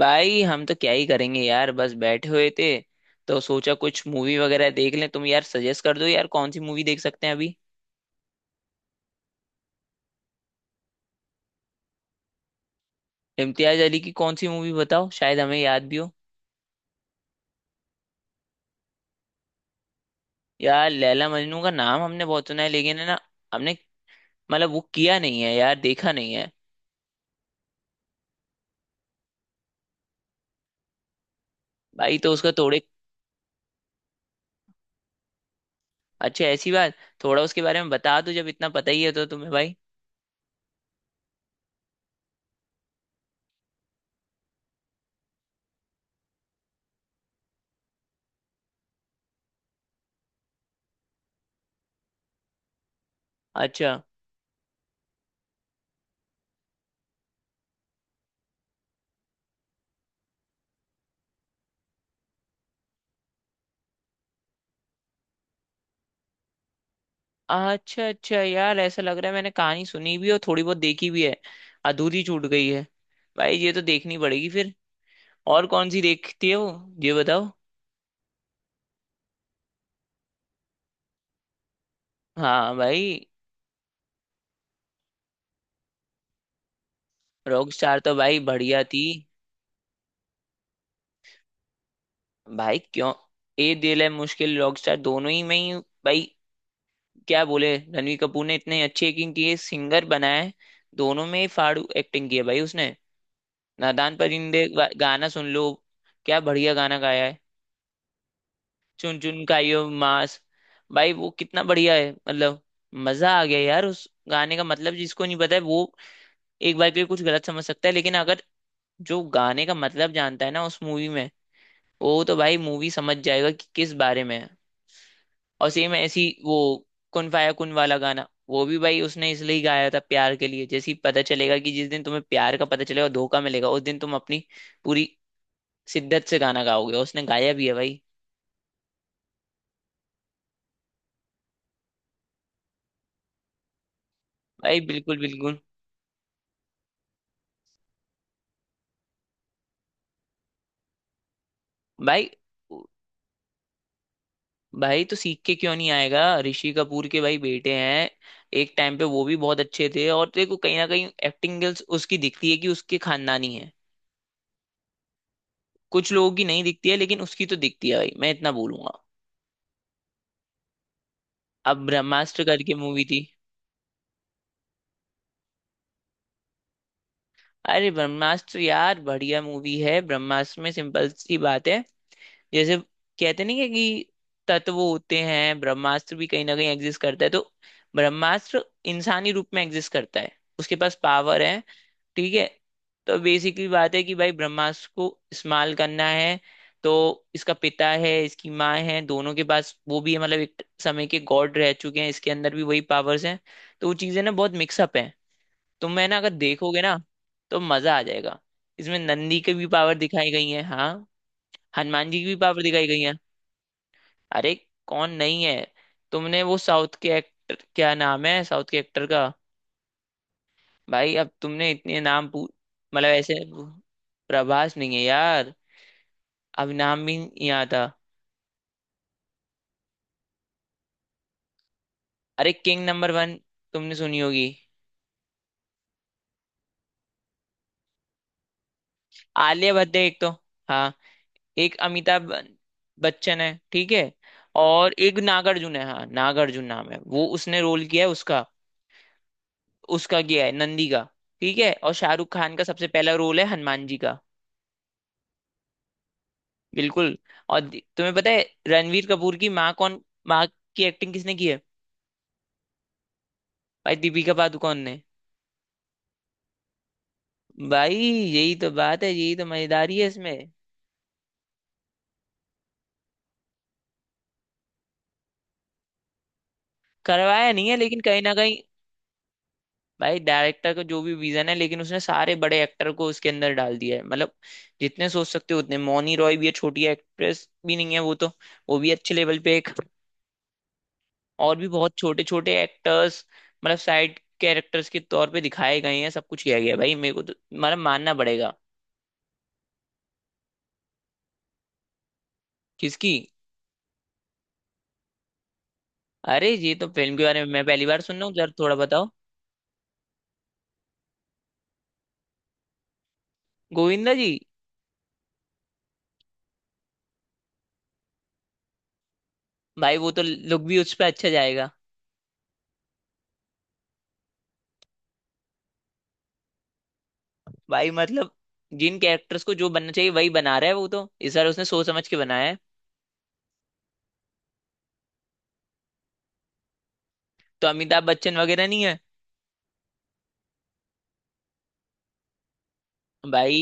भाई हम तो क्या ही करेंगे यार, बस बैठे हुए थे तो सोचा कुछ मूवी वगैरह देख लें। तुम यार सजेस्ट कर दो यार, कौन सी मूवी देख सकते हैं अभी। इम्तियाज अली की कौन सी मूवी बताओ, शायद हमें याद भी हो। यार लैला मजनू का नाम हमने बहुत सुना है लेकिन है ना, हमने मतलब वो किया नहीं है यार, देखा नहीं है। भाई तो उसका थोड़े। अच्छा, ऐसी बात। थोड़ा उसके बारे में बता दो, जब इतना पता ही है तो तुम्हें भाई। अच्छा अच्छा अच्छा यार, ऐसा लग रहा है मैंने कहानी सुनी भी और थोड़ी बहुत देखी भी है, अधूरी छूट गई है। भाई ये तो देखनी पड़ेगी फिर। और कौन सी देखती है वो, ये बताओ। हाँ भाई। रॉकस्टार तो भाई बढ़िया थी। भाई क्यों, ए दिल है मुश्किल, रॉकस्टार, दोनों ही में ही भाई, क्या बोले। रणवीर कपूर ने इतने अच्छे एक्टिंग की है, सिंगर बना है। दोनों में ही फाड़ू एक्टिंग की है भाई उसने। नादान परिंदे गाना सुन लो, क्या बढ़िया गाना गाया है। चुन चुन खाइयो मांस। भाई वो कितना बढ़िया है, मतलब मजा आ गया यार उस गाने का। मतलब जिसको नहीं पता है वो एक बार के लिए कुछ गलत समझ सकता है, लेकिन अगर जो गाने का मतलब जानता है ना उस मूवी में, वो तो भाई मूवी समझ जाएगा कि किस बारे में है। और सेम ऐसी वो कुन फाया कुन वाला गाना, वो भी भाई उसने इसलिए गाया था प्यार के लिए। जैसे ही पता चलेगा कि जिस दिन तुम्हें प्यार का पता चलेगा, धोखा मिलेगा, उस दिन तुम अपनी पूरी शिद्दत से गाना गाओगे, और उसने गाया भी है भाई। भाई बिल्कुल बिल्कुल। भाई। भाई तो सीख के क्यों नहीं आएगा, ऋषि कपूर के भाई बेटे हैं। एक टाइम पे वो भी बहुत अच्छे थे, और देखो कहीं ना कहीं एक्टिंग स्किल्स उसकी दिखती है कि उसके खानदानी है। कुछ लोगों की नहीं दिखती है लेकिन उसकी तो दिखती है भाई, मैं इतना बोलूंगा। अब ब्रह्मास्त्र करके मूवी थी। अरे ब्रह्मास्त्र यार बढ़िया मूवी है। ब्रह्मास्त्र में सिंपल सी बात है, जैसे कहते नहीं है कि तत्व होते हैं, ब्रह्मास्त्र भी कहीं ना कहीं एग्जिस्ट करता है। तो ब्रह्मास्त्र इंसानी रूप में एग्जिस्ट करता है, उसके पास पावर है। ठीक है। तो बेसिकली बात है कि भाई ब्रह्मास्त्र को इस्तेमाल करना है। तो इसका पिता है, इसकी माँ है, दोनों के पास वो भी है, मतलब एक समय के गॉड रह चुके हैं। इसके अंदर भी वही पावर्स हैं, तो वो चीजें ना बहुत मिक्सअप हैं। तो मैं ना, अगर देखोगे ना तो मजा आ जाएगा। इसमें नंदी की भी पावर दिखाई गई है, हाँ। हनुमान जी की भी पावर दिखाई गई है। अरे कौन नहीं है। तुमने वो साउथ के एक्टर, क्या नाम है साउथ के एक्टर का, भाई अब तुमने इतने नाम पू मतलब ऐसे। प्रभास नहीं है यार, अब नाम भी नहीं आता। अरे किंग नंबर 1, तुमने सुनी होगी। आलिया भट्ट है एक तो, हाँ। एक अमिताभ बच्चन है, ठीक है। और एक नागार्जुन है, हाँ नागार्जुन नाम है वो, उसने रोल किया है उसका। उसका किया है नंदी का, ठीक है। और शाहरुख खान का सबसे पहला रोल है हनुमान जी का। बिल्कुल। और तुम्हें पता है रणवीर कपूर की माँ कौन, माँ की एक्टिंग किसने की है? भाई दीपिका पादुकोण ने। भाई यही तो बात है, यही तो मजेदारी है इसमें। करवाया नहीं है लेकिन कहीं ना कहीं। भाई डायरेक्टर का जो भी विजन है, लेकिन उसने सारे बड़े एक्टर को उसके अंदर डाल दिया है। मतलब जितने सोच सकते हो उतने। मौनी रॉय भी है, छोटी एक्ट्रेस भी नहीं है वो तो, वो भी अच्छे लेवल पे एक। और भी बहुत छोटे छोटे एक्टर्स, मतलब साइड कैरेक्टर्स के तौर पे दिखाए गए हैं, सब कुछ किया गया है। भाई मेरे को तो मतलब मानना पड़ेगा। किसकी? अरे ये तो फिल्म के बारे में मैं पहली बार सुन रहा हूँ, जरा थोड़ा बताओ। गोविंदा जी। भाई वो तो लुक भी उस पर अच्छा जाएगा। भाई मतलब जिन कैरेक्टर्स को जो बनना चाहिए वही बना रहा है, वो तो इस बार उसने सोच समझ के बनाया है। तो अमिताभ बच्चन वगैरह नहीं है? भाई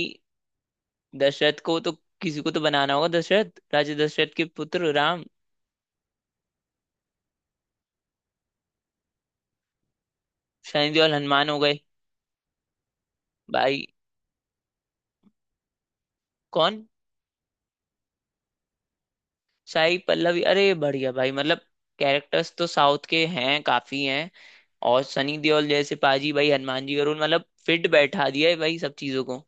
दशरथ को तो किसी को तो बनाना होगा, दशरथ, राजा दशरथ के पुत्र राम। शनि देओल हनुमान हो गए। भाई कौन? साई पल्लवी, अरे बढ़िया भाई। मतलब कैरेक्टर्स तो साउथ के हैं काफी हैं। और सनी देओल जैसे पाजी भाई हनुमान जी का रोल, मतलब फिट बैठा दिया है भाई सब चीजों को।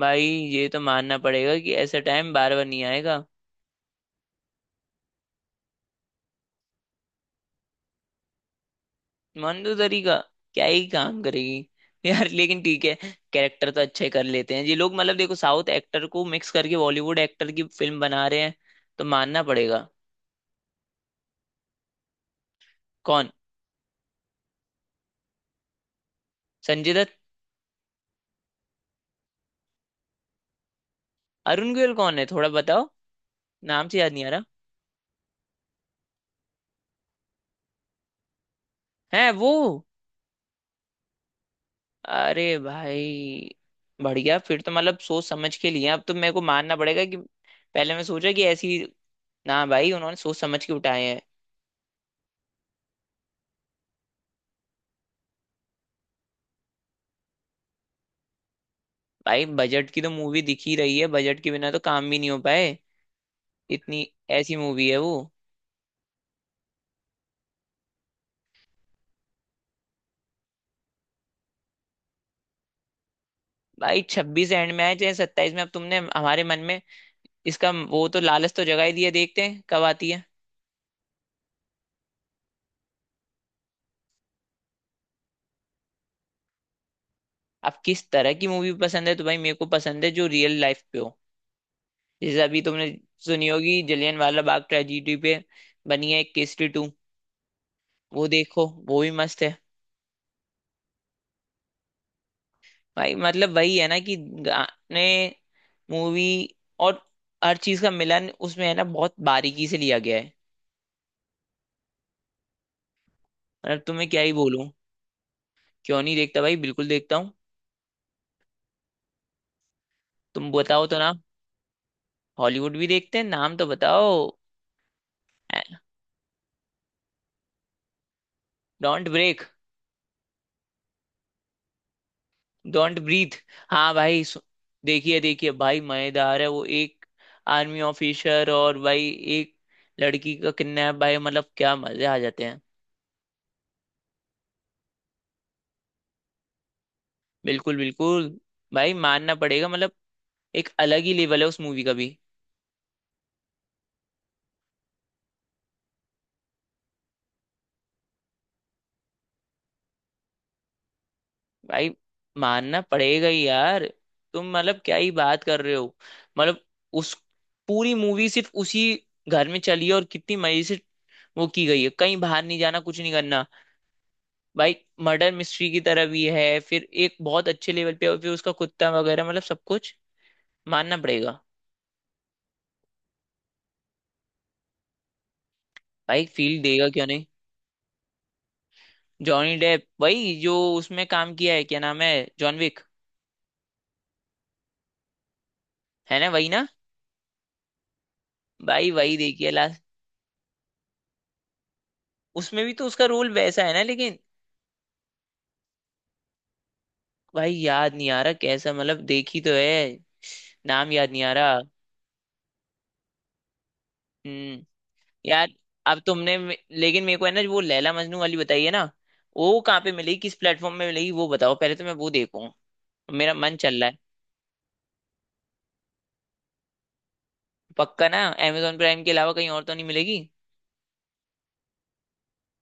भाई ये तो मानना पड़ेगा कि ऐसा टाइम बार बार नहीं आएगा। मनु दरीगा क्या ही काम करेगी। यार लेकिन ठीक है, कैरेक्टर तो अच्छे कर लेते हैं ये लोग। मतलब देखो, साउथ एक्टर को मिक्स करके बॉलीवुड एक्टर की फिल्म बना रहे हैं, तो मानना पड़ेगा। कौन? संजय दत्त। अरुण गोयल कौन है, थोड़ा बताओ, नाम से याद नहीं आ रहा। है वो? अरे भाई बढ़िया, फिर तो मतलब सोच समझ के लिए, अब तो मेरे को मानना पड़ेगा कि पहले मैं सोचा कि ऐसी, ना भाई उन्होंने सोच समझ के उठाए हैं। भाई बजट की तो मूवी दिख ही रही है, बजट के बिना तो काम भी नहीं हो पाए इतनी। ऐसी मूवी है वो। भाई 26 एंड में आए चाहे 27 में, अब तुमने हमारे मन में इसका वो, तो लालच तो जगा ही दिया, देखते हैं कब आती है। अब किस तरह की मूवी पसंद है तो भाई, मेरे को पसंद है जो रियल लाइफ पे हो। जैसे अभी तुमने सुनी होगी, जलियन वाला बाग ट्रेजिडी पे बनी है एक, केसरी 2। वो देखो, वो भी मस्त है। भाई मतलब वही है ना कि गाने, मूवी, और हर चीज का मिलन उसमें है ना, बहुत बारीकी से लिया गया है। मतलब तुम्हें क्या ही बोलूं। क्यों नहीं देखता भाई, बिल्कुल देखता हूँ। तुम बताओ तो ना। हॉलीवुड भी देखते हैं, नाम तो बताओ। Don't break? Don't breathe. हाँ भाई, देखिए देखिए भाई मजेदार है वो। एक आर्मी ऑफिसर और भाई एक लड़की का किडनैप, भाई मतलब क्या मजे आ जाते हैं। बिल्कुल बिल्कुल। भाई मानना पड़ेगा, मतलब एक अलग ही लेवल है उस मूवी का भी। भाई मानना पड़ेगा ही यार, तुम मतलब क्या ही बात कर रहे हो। मतलब उस पूरी मूवी सिर्फ उसी घर में चली है, और कितनी मजे से वो की गई है, कहीं बाहर नहीं जाना, कुछ नहीं करना। भाई मर्डर मिस्ट्री की तरह भी है फिर एक, बहुत अच्छे लेवल पे। और फिर उसका कुत्ता वगैरह, मतलब सब कुछ, मानना पड़ेगा। भाई फील देगा क्यों नहीं। जॉनी डेप, वही जो उसमें काम किया है, क्या नाम है, जॉन विक। है ना वही ना? भाई वही देखिए लास्ट। उसमें भी तो उसका रोल वैसा है ना, लेकिन भाई याद नहीं आ रहा कैसा, मतलब देखी तो है, नाम याद नहीं आ रहा। हम्म। यार अब तुमने लेकिन मेरे को है ना वो लैला मजनू वाली बताई है ना, वो कहाँ पे मिलेगी, किस प्लेटफॉर्म में मिलेगी वो बताओ, पहले तो मैं वो देखूँ, मेरा मन चल रहा है। पक्का ना? amazon प्राइम के अलावा कहीं और तो नहीं मिलेगी।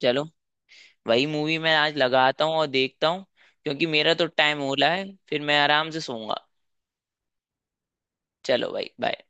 चलो, वही मूवी मैं आज लगाता हूँ और देखता हूँ, क्योंकि मेरा तो टाइम हो रहा है, फिर मैं आराम से सोऊंगा। चलो भाई, बाय।